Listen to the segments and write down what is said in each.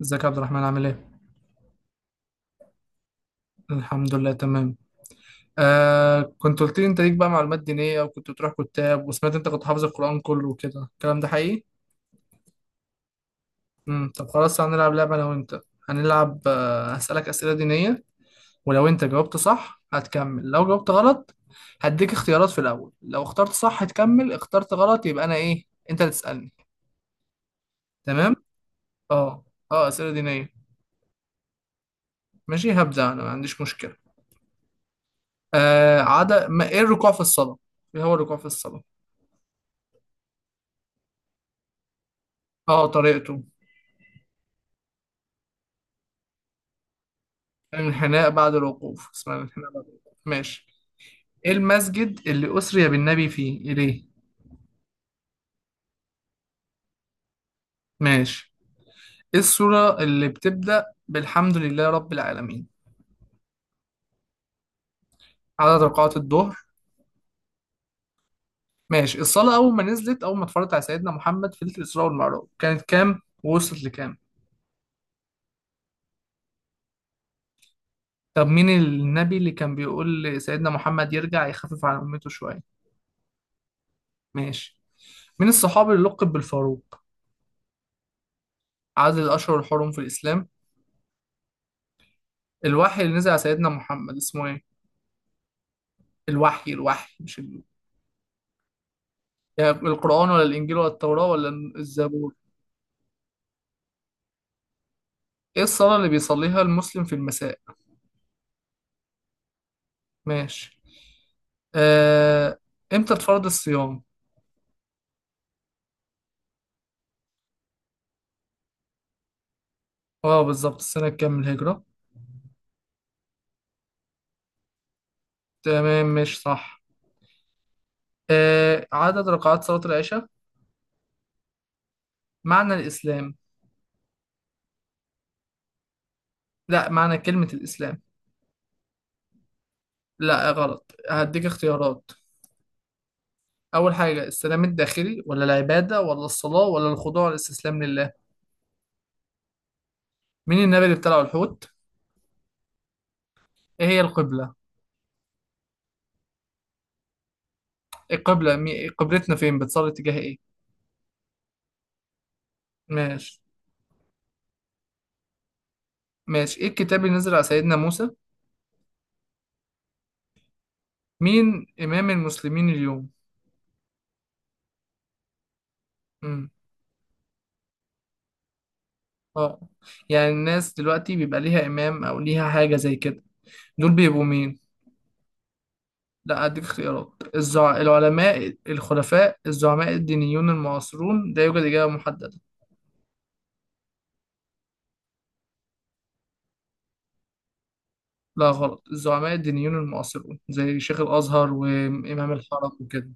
ازيك يا عبد الرحمن، عامل ايه؟ الحمد لله، تمام. كنت قلت لي انت ليك بقى معلومات دينية، وكنت بتروح كتاب، وسمعت انت كنت حافظ القرآن كله وكده. الكلام ده حقيقي؟ طب خلاص، هنلعب لعبة انا وانت. هنلعب، هسألك أسئلة دينية. ولو انت جاوبت صح هتكمل، لو جاوبت غلط هديك اختيارات في الأول. لو اخترت صح هتكمل، اخترت غلط يبقى انا ايه؟ انت اللي تسألني. تمام؟ اه. اه، أسئلة دينية. ماشي، هبدأ انا، ما عنديش مشكلة. عدا ما ايه الركوع في الصلاة؟ ايه هو الركوع في الصلاة؟ اه، طريقته. الانحناء بعد الوقوف، اسمها الانحناء بعد الوقوف. ماشي. ايه المسجد اللي أسري بالنبي فيه إليه؟ ماشي. ايه السورة اللي بتبدأ بالحمد لله رب العالمين؟ عدد ركعات الظهر؟ ماشي. الصلاة أول ما نزلت، أول ما اتفرجت على سيدنا محمد في ليلة الإسراء والمعراج، كانت كام ووصلت لكام؟ طب مين النبي اللي كان بيقول لسيدنا محمد يرجع يخفف على أمته شوية؟ ماشي. مين الصحابي اللي لقب بالفاروق؟ عدد الأشهر الحرم في الإسلام؟ الوحي اللي نزل على سيدنا محمد اسمه ايه؟ الوحي الوحي مش، يعني القرآن ولا الإنجيل ولا التوراة ولا الزبور؟ إيه الصلاة اللي بيصليها المسلم في المساء؟ ماشي. آه... إمتى اتفرض الصيام؟ اه، بالظبط السنة كام من الهجرة؟ تمام، مش صح. عدد ركعات صلاة العشاء؟ معنى الإسلام؟ لا، معنى كلمة الإسلام. لا غلط، هديك اختيارات. أول حاجة، السلام الداخلي ولا العبادة ولا الصلاة ولا الخضوع والاستسلام لله؟ مين النبي اللي ابتلعه الحوت؟ إيه هي القبلة؟ القبلة قبلتنا فين، بتصلي تجاه إيه؟ ماشي. ماشي. ايه الكتاب اللي نزل على سيدنا موسى؟ مين امام المسلمين اليوم؟ امم اه، يعني الناس دلوقتي بيبقى ليها امام او ليها حاجه زي كده، دول بيبقوا مين؟ لا، اديك اختيارات. العلماء، الخلفاء، الزعماء الدينيون المعاصرون، لا يوجد اجابه محدده. لا غلط، الزعماء الدينيون المعاصرون زي شيخ الازهر وامام الحرم وكده.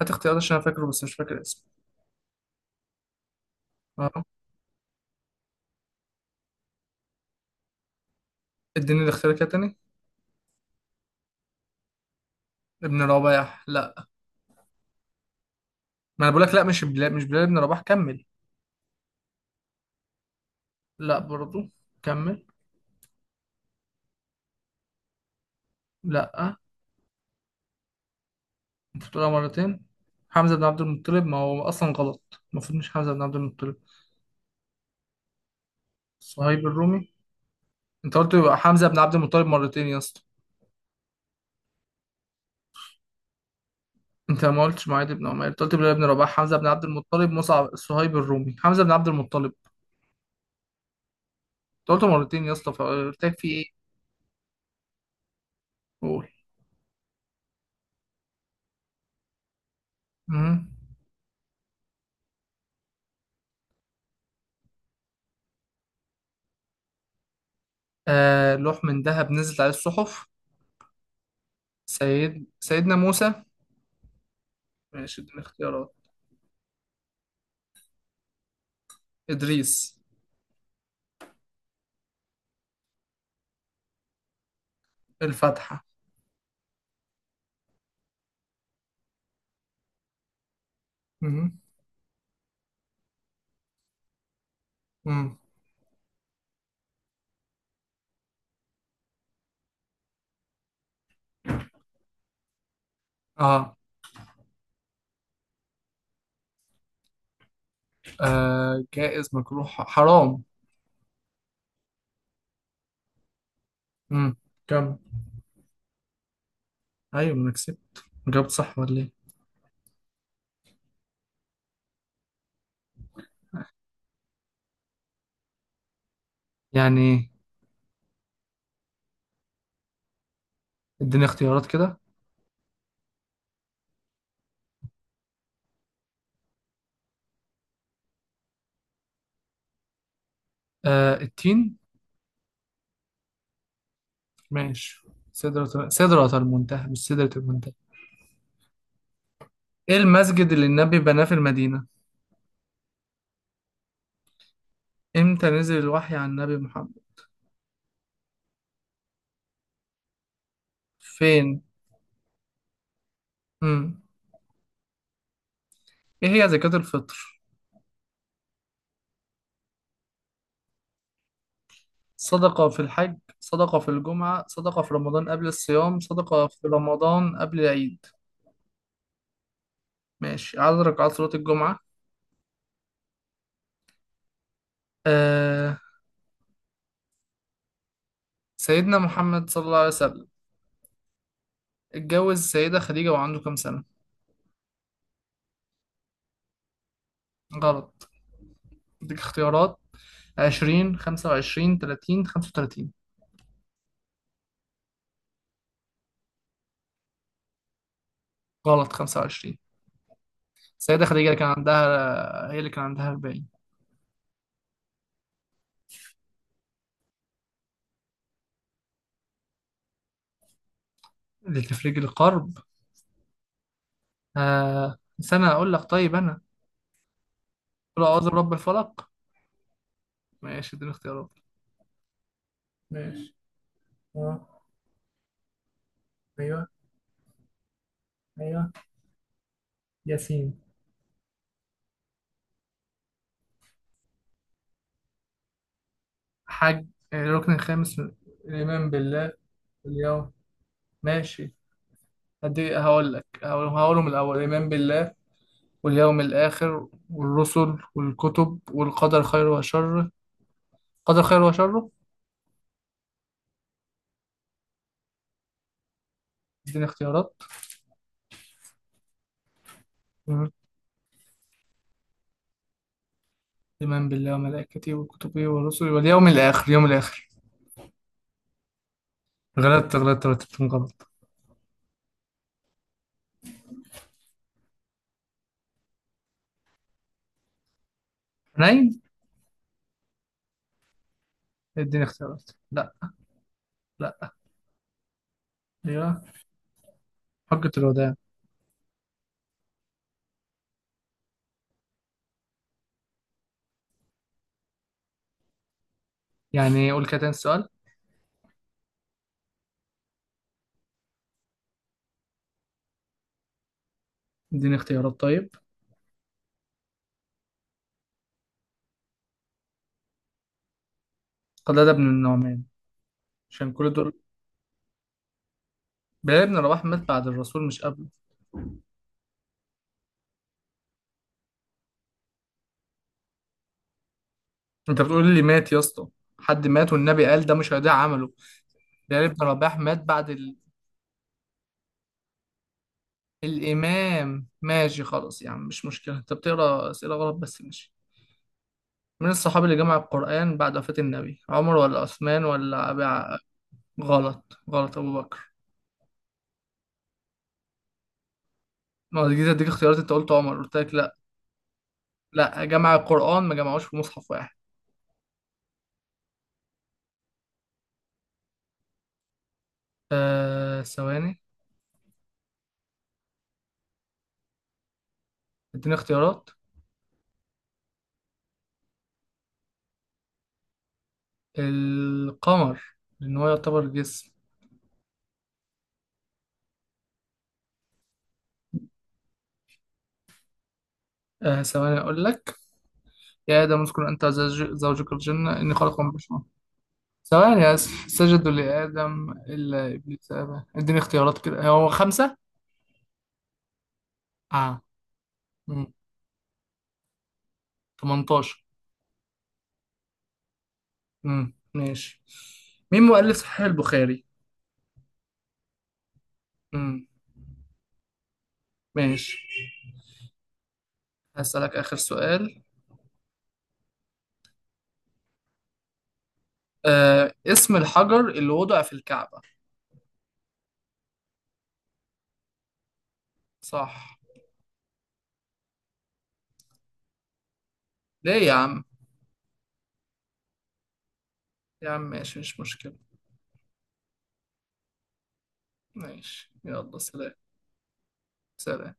هات اختيارات عشان انا فاكره بس مش فاكر اسمه. اه، اديني الاختيار كده تاني. ابن رباح؟ لا، ما انا بقول لك لا، مش بلال، مش بلال ابن رباح، كمل. لا برضو، كمل. لا، انت بتقولها مرتين. حمزة بن عبد المطلب، ما هو اصلا غلط، المفروض مش حمزة بن عبد المطلب. صهيب الرومي. انت قلت يبقى حمزة بن عبد المطلب مرتين يا اسطى. انت ما قلتش معاذ بن عمر، انت قلت بلال بن رباح، حمزة بن عبد المطلب، مصعب، صهيب الرومي، حمزة بن عبد المطلب. انت قلت مرتين يا اسطى، فقلت لك في ايه. قول. مم. لوح من ذهب نزلت عليه الصحف. سيدنا موسى؟ ماشي، اديني اختيارات. ادريس. الفاتحة. مم. مم. اه. جائز، مجروح، حرام. امم. كم؟ ايوه ما انا كسبت. جاوبت صح ولا ايه؟ يعني إيه؟ اديني اختيارات كده. التين. ماشي. سدرة سدرة المنتهى، مش سدرة المنتهى. ايه المسجد اللي النبي بناه في المدينة؟ امتى نزل الوحي عن النبي محمد؟ فين؟ امم ايه هي زكاة الفطر؟ صدقة في الحج، صدقة في الجمعة، صدقة في رمضان قبل الصيام، صدقة في رمضان قبل العيد؟ ماشي. عدد ركعات صلاة الجمعة؟ آه سيدنا محمد صلى الله عليه وسلم اتجوز السيدة خديجة وعنده كام سنة؟ غلط، اديك اختيارات. عشرين، خمسة وعشرين، تلاتين، خمسة وتلاتين. غلط، خمسة وعشرين. السيدة خديجة اللي كان عندها، هي اللي كان عندها أربعين. اللي تفرج القرب. سنة أقول لك، طيب أنا. قل أعوذ برب الفلق. ماشي، اديني اختيارات. ماشي. اه. ايوه. ايوه. ياسين. حج. الركن الخامس الإيمان بالله، اليوم. ماشي، هقول لك، هقولهم الأول. الإيمان بالله واليوم الآخر والرسل والكتب والقدر خير وشر. قدر خير وشر. اديني اختيارات. مم. إيمان بالله وملائكته وكتبه ورسله واليوم الآخر. غلطت، غلطت، رتبتهم غلط. حنين. اديني اختيارات. لا. لا. أيوه، حجة الوداع. يعني قول كده تاني السؤال. اديني اختيارات طيب. قتادة بن النعمان. عشان كل دول، بلال بن رباح مات بعد الرسول مش قبله. انت بتقول لي مات يا اسطى، حد مات والنبي قال ده مش هيضيع عمله. بلال بن رباح مات بعد. الإمام، ماشي خلاص يا عم، مش مشكلة، أنت بتقرأ أسئلة غلط بس ماشي. من الصحابي اللي جمع القرآن بعد وفاة النبي؟ عمر ولا عثمان ولا غلط غلط، أبو بكر. ما هو جيت أديك اختيارات، أنت قلت عمر، قلت لك لأ. لأ، جمع القرآن ما جمعوش في مصحف واحد. ثواني، اديني اختيارات. القمر، لأن هو يعتبر جسم. ثواني أقول لك. يا آدم اذكر أنت زوجك الجنة، إني خلق من بشر. ثواني بس. سجدوا لآدم إلا إبليس أبى. اديني اختيارات كده، هو خمسة؟ اه. مم. 18. مم. ماشي. مين مؤلف صحيح البخاري؟ مم. ماشي. هسألك آخر سؤال. اسم الحجر اللي وضع في الكعبة. صح. ليه يا عم؟ يا عم ماشي، مش مشكلة. ماشي، يلا سلام. سلام.